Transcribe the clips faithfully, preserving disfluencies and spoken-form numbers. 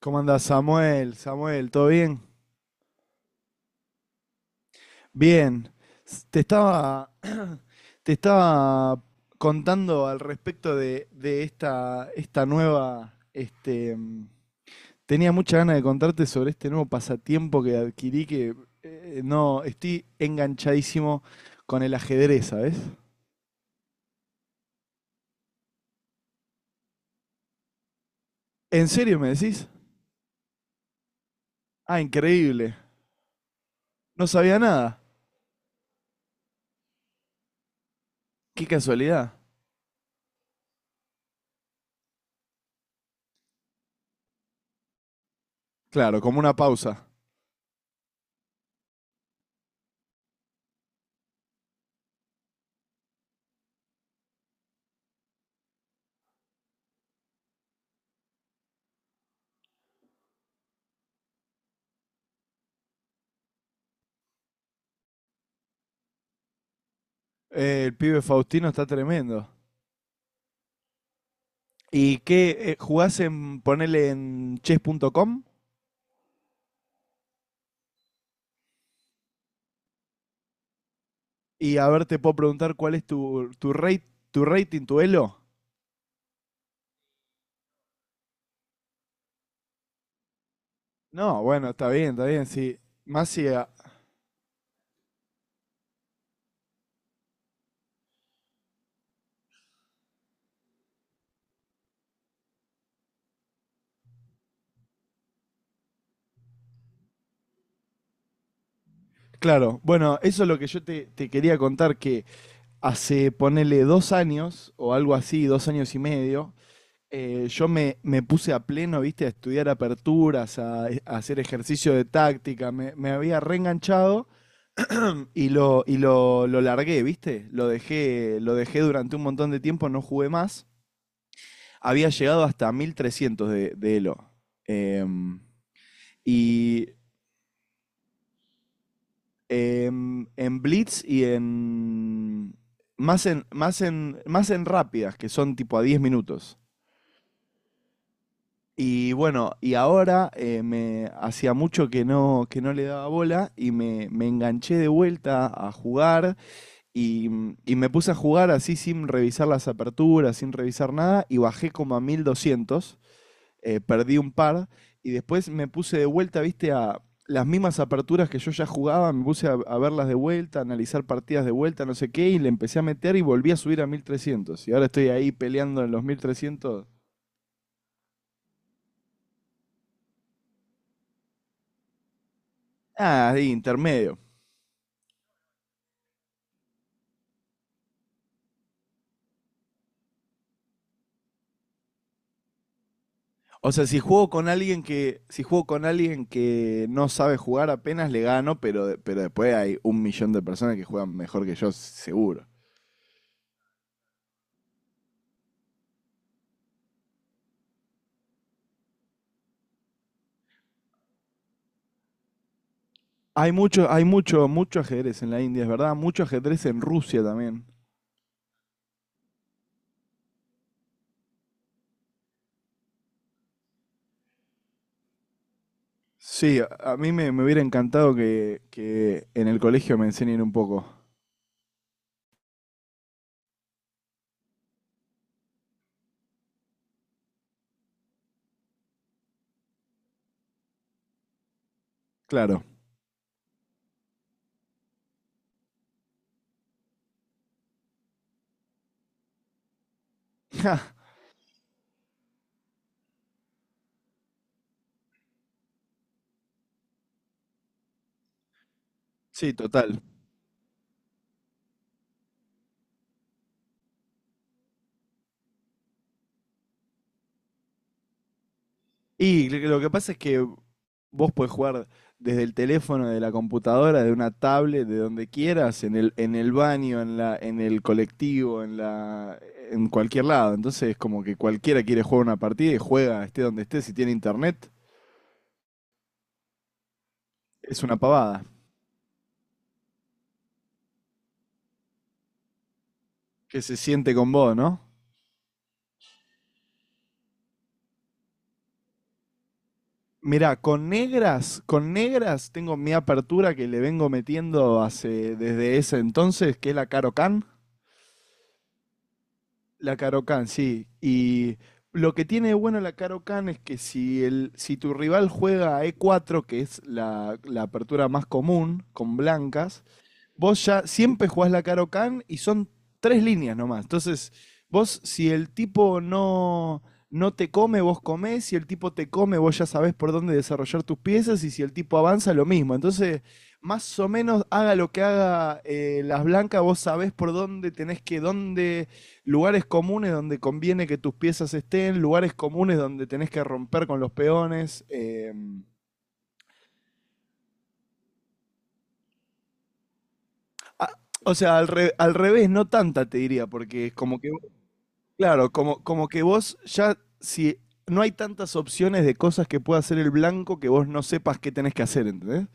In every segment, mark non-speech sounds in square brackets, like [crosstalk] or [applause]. ¿Cómo andás, Samuel? Samuel, ¿todo bien? Bien. S- Te estaba, te estaba contando al respecto de, de esta, esta nueva, este, mm, tenía mucha ganas de contarte sobre este nuevo pasatiempo que adquirí que eh, no, estoy enganchadísimo con el ajedrez, ¿sabes? ¿En serio me decís? Ah, increíble. No sabía nada. Qué casualidad. Claro, como una pausa. Eh, el pibe Faustino está tremendo. ¿Y qué eh, jugás en, ponele en chess punto com? Y a ver, te puedo preguntar cuál es tu, tu, rate, tu rating, tu elo. No, bueno, está bien, está bien, sí. Más si... a- Claro, bueno, eso es lo que yo te, te quería contar, que hace, ponele dos años, o algo así, dos años y medio, eh, yo me, me puse a pleno, viste, a estudiar aperturas, a, a hacer ejercicio de táctica, me, me había reenganchado. Y lo, y lo, lo largué, ¿viste? Lo dejé, lo dejé durante un montón de tiempo, no jugué más. Había llegado hasta mil trescientos de, de Elo. Em, y em, en Blitz y en. Más en, más en, más en rápidas, que son tipo a diez minutos. Y bueno, y ahora eh, me hacía mucho que no, que no le daba bola y me, me enganché de vuelta a jugar. Y, y me puse a jugar así sin revisar las aperturas, sin revisar nada, y bajé como a mil doscientos, eh, perdí un par, y después me puse de vuelta, viste, a las mismas aperturas que yo ya jugaba, me puse a, a verlas de vuelta, a analizar partidas de vuelta, no sé qué, y le empecé a meter y volví a subir a mil trescientos. Y ahora estoy ahí peleando en los mil trescientos. Ah, ahí, intermedio. O sea, si juego con alguien que, si juego con alguien que no sabe jugar apenas le gano, pero, de- pero después hay un millón de personas que juegan mejor que yo, seguro. Hay mucho, hay mucho, mucho ajedrez en la India, es verdad, mucho ajedrez en Rusia también. Sí, a- a mí me, me hubiera encantado que, que en el colegio me enseñen un poco. Claro. [laughs] Ja, sí, total. Y lo que pasa es que vos podés jugar desde el teléfono, de la computadora, de una tablet, de donde quieras, en el, en el baño, en la, en el colectivo, en la, en cualquier lado. Entonces es como que cualquiera quiere jugar una partida y juega, esté donde esté, si tiene internet, es una pavada. Que se siente con vos, ¿no? Mirá, con negras, con negras tengo mi apertura que le vengo metiendo hace, desde ese entonces, que es la Caro Can. La Karokan, sí. Y lo que tiene de bueno la Karokan es que si, el, si tu rival juega a e cuatro que es la, la apertura más común, con blancas, vos ya siempre jugás la Caro Can y son tres líneas nomás. Entonces, vos, si el tipo no, no te come, vos comés. Si el tipo te come, vos ya sabés por dónde desarrollar tus piezas. Y si el tipo avanza, lo mismo. Entonces, más o menos, haga lo que haga eh, las blancas, vos sabés por dónde tenés que, dónde, lugares comunes donde conviene que tus piezas estén, lugares comunes donde tenés que romper con los peones. eh, ah, o sea, al, re- al revés, no tanta, te diría, porque es como que. Claro, como, como que vos ya, si no hay tantas opciones de cosas que pueda hacer el blanco que vos no sepas qué tenés que hacer, ¿entendés?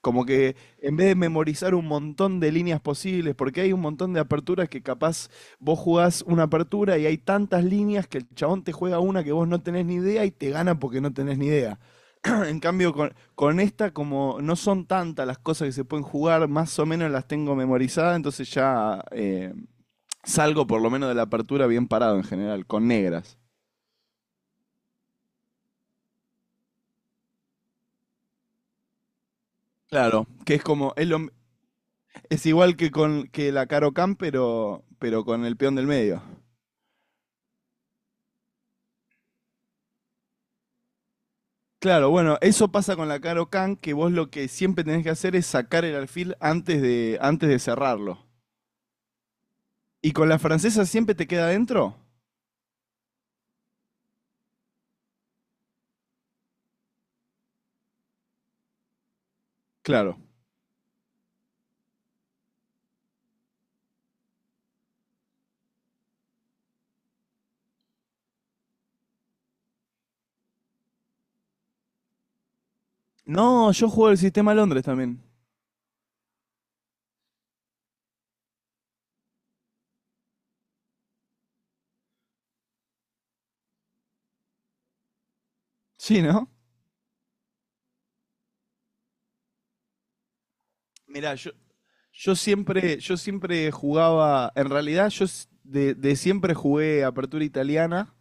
Como que en vez de memorizar un montón de líneas posibles, porque hay un montón de aperturas que capaz vos jugás una apertura y hay tantas líneas que el chabón te juega una que vos no tenés ni idea y te gana porque no tenés ni idea. [clears throat] En cambio, con, con esta, como no son tantas las cosas que se pueden jugar, más o menos las tengo memorizadas, entonces ya eh, salgo por lo menos de la apertura bien parado en general, con negras. Claro, que es como, es, lo- es igual que con que la Caro Can, pero, pero con el peón del medio. Claro, bueno, eso pasa con la Caro Can, que vos lo que siempre tenés que hacer es sacar el alfil antes de, antes de cerrarlo. ¿Y con la francesa siempre te queda adentro? Claro. No, yo juego el sistema Londres también. Sí, ¿no? Mirá, yo, yo siempre, yo siempre jugaba, en realidad yo s- de, de siempre jugué apertura italiana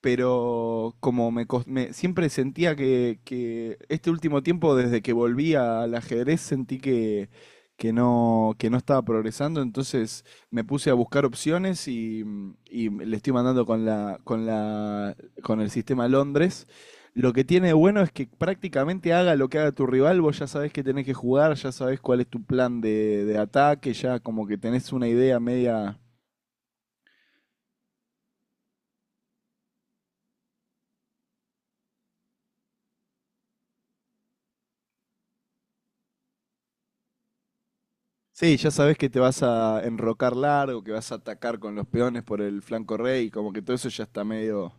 pero como me, cos- me- siempre sentía que, que este último tiempo, desde que volví al ajedrez, sentí que, que no, que no estaba progresando, entonces me puse a buscar opciones y, mm, y le estoy mandando con la, con la, con el sistema Londres. Lo que tiene de bueno es que prácticamente haga lo que haga tu rival, vos ya sabés que tenés que jugar, ya sabés cuál es tu plan de, de ataque, ya como que tenés una idea media. Sí, ya sabes que te vas a enrocar largo, que vas a atacar con los peones por el flanco rey, como que todo eso ya está medio.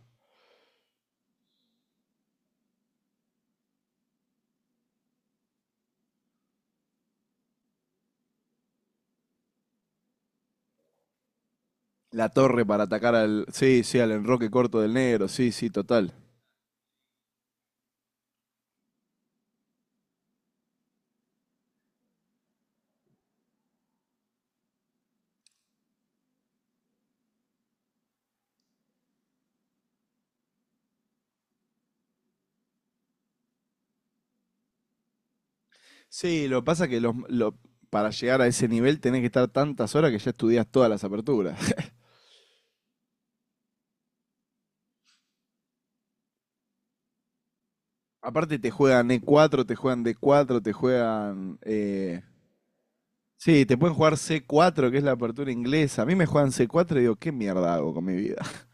La torre para atacar al, sí, sí, al enroque corto del negro, sí, sí, total. Sí, lo que pasa que los, lo- para llegar a ese nivel tenés que estar tantas horas que ya estudias todas las aperturas. [laughs] Aparte te juegan e cuatro, te juegan d cuatro, te juegan... eh, sí, te pueden jugar c cuatro, que es la apertura inglesa. A mí me juegan c cuatro y digo, ¿qué mierda hago con mi vida? [laughs]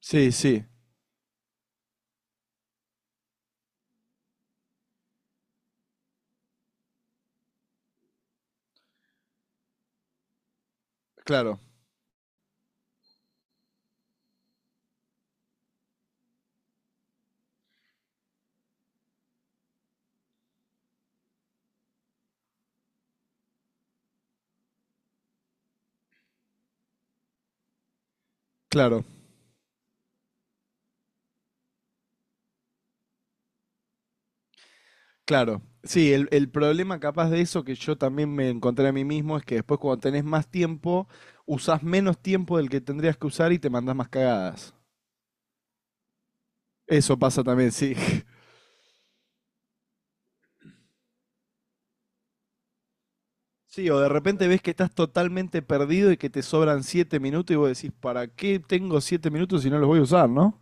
Sí, sí, claro, claro. Claro, sí, el, el problema capaz de eso que yo también me encontré a mí mismo es que después cuando tenés más tiempo, usás menos tiempo del que tendrías que usar y te mandás más cagadas. Eso pasa también, sí. [laughs] Sí, o de repente ves que estás totalmente perdido y que te sobran siete minutos y vos decís, ¿para qué tengo siete minutos si no los voy a usar, no?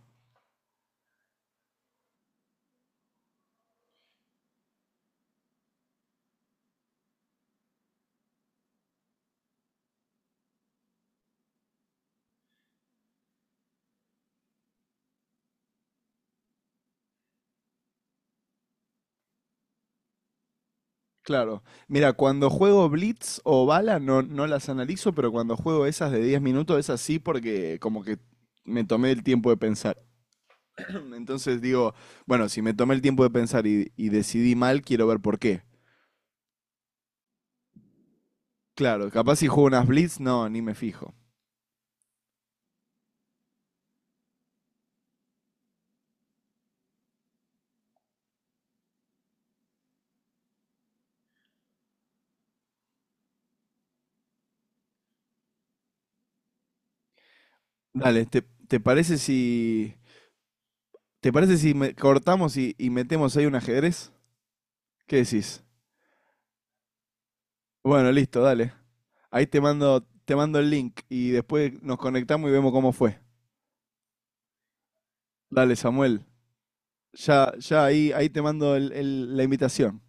Claro. Mira, cuando juego Blitz o Bala no, no las analizo, pero cuando juego esas de diez minutos, esas sí porque como que me tomé el tiempo de pensar. [laughs] Entonces digo, bueno, si me tomé el tiempo de pensar y, y decidí mal, quiero ver por qué. Claro, capaz si juego unas blitz, no, ni me fijo. Dale, ¿te, te parece si? ¿Te parece si me- cortamos y, y metemos ahí un ajedrez? ¿Qué decís? Bueno, listo, dale. Ahí te mando, te mando el link y después nos conectamos y vemos cómo fue. Dale, Samuel. Ya, ya ahí, ahí te mando el- el- la invitación.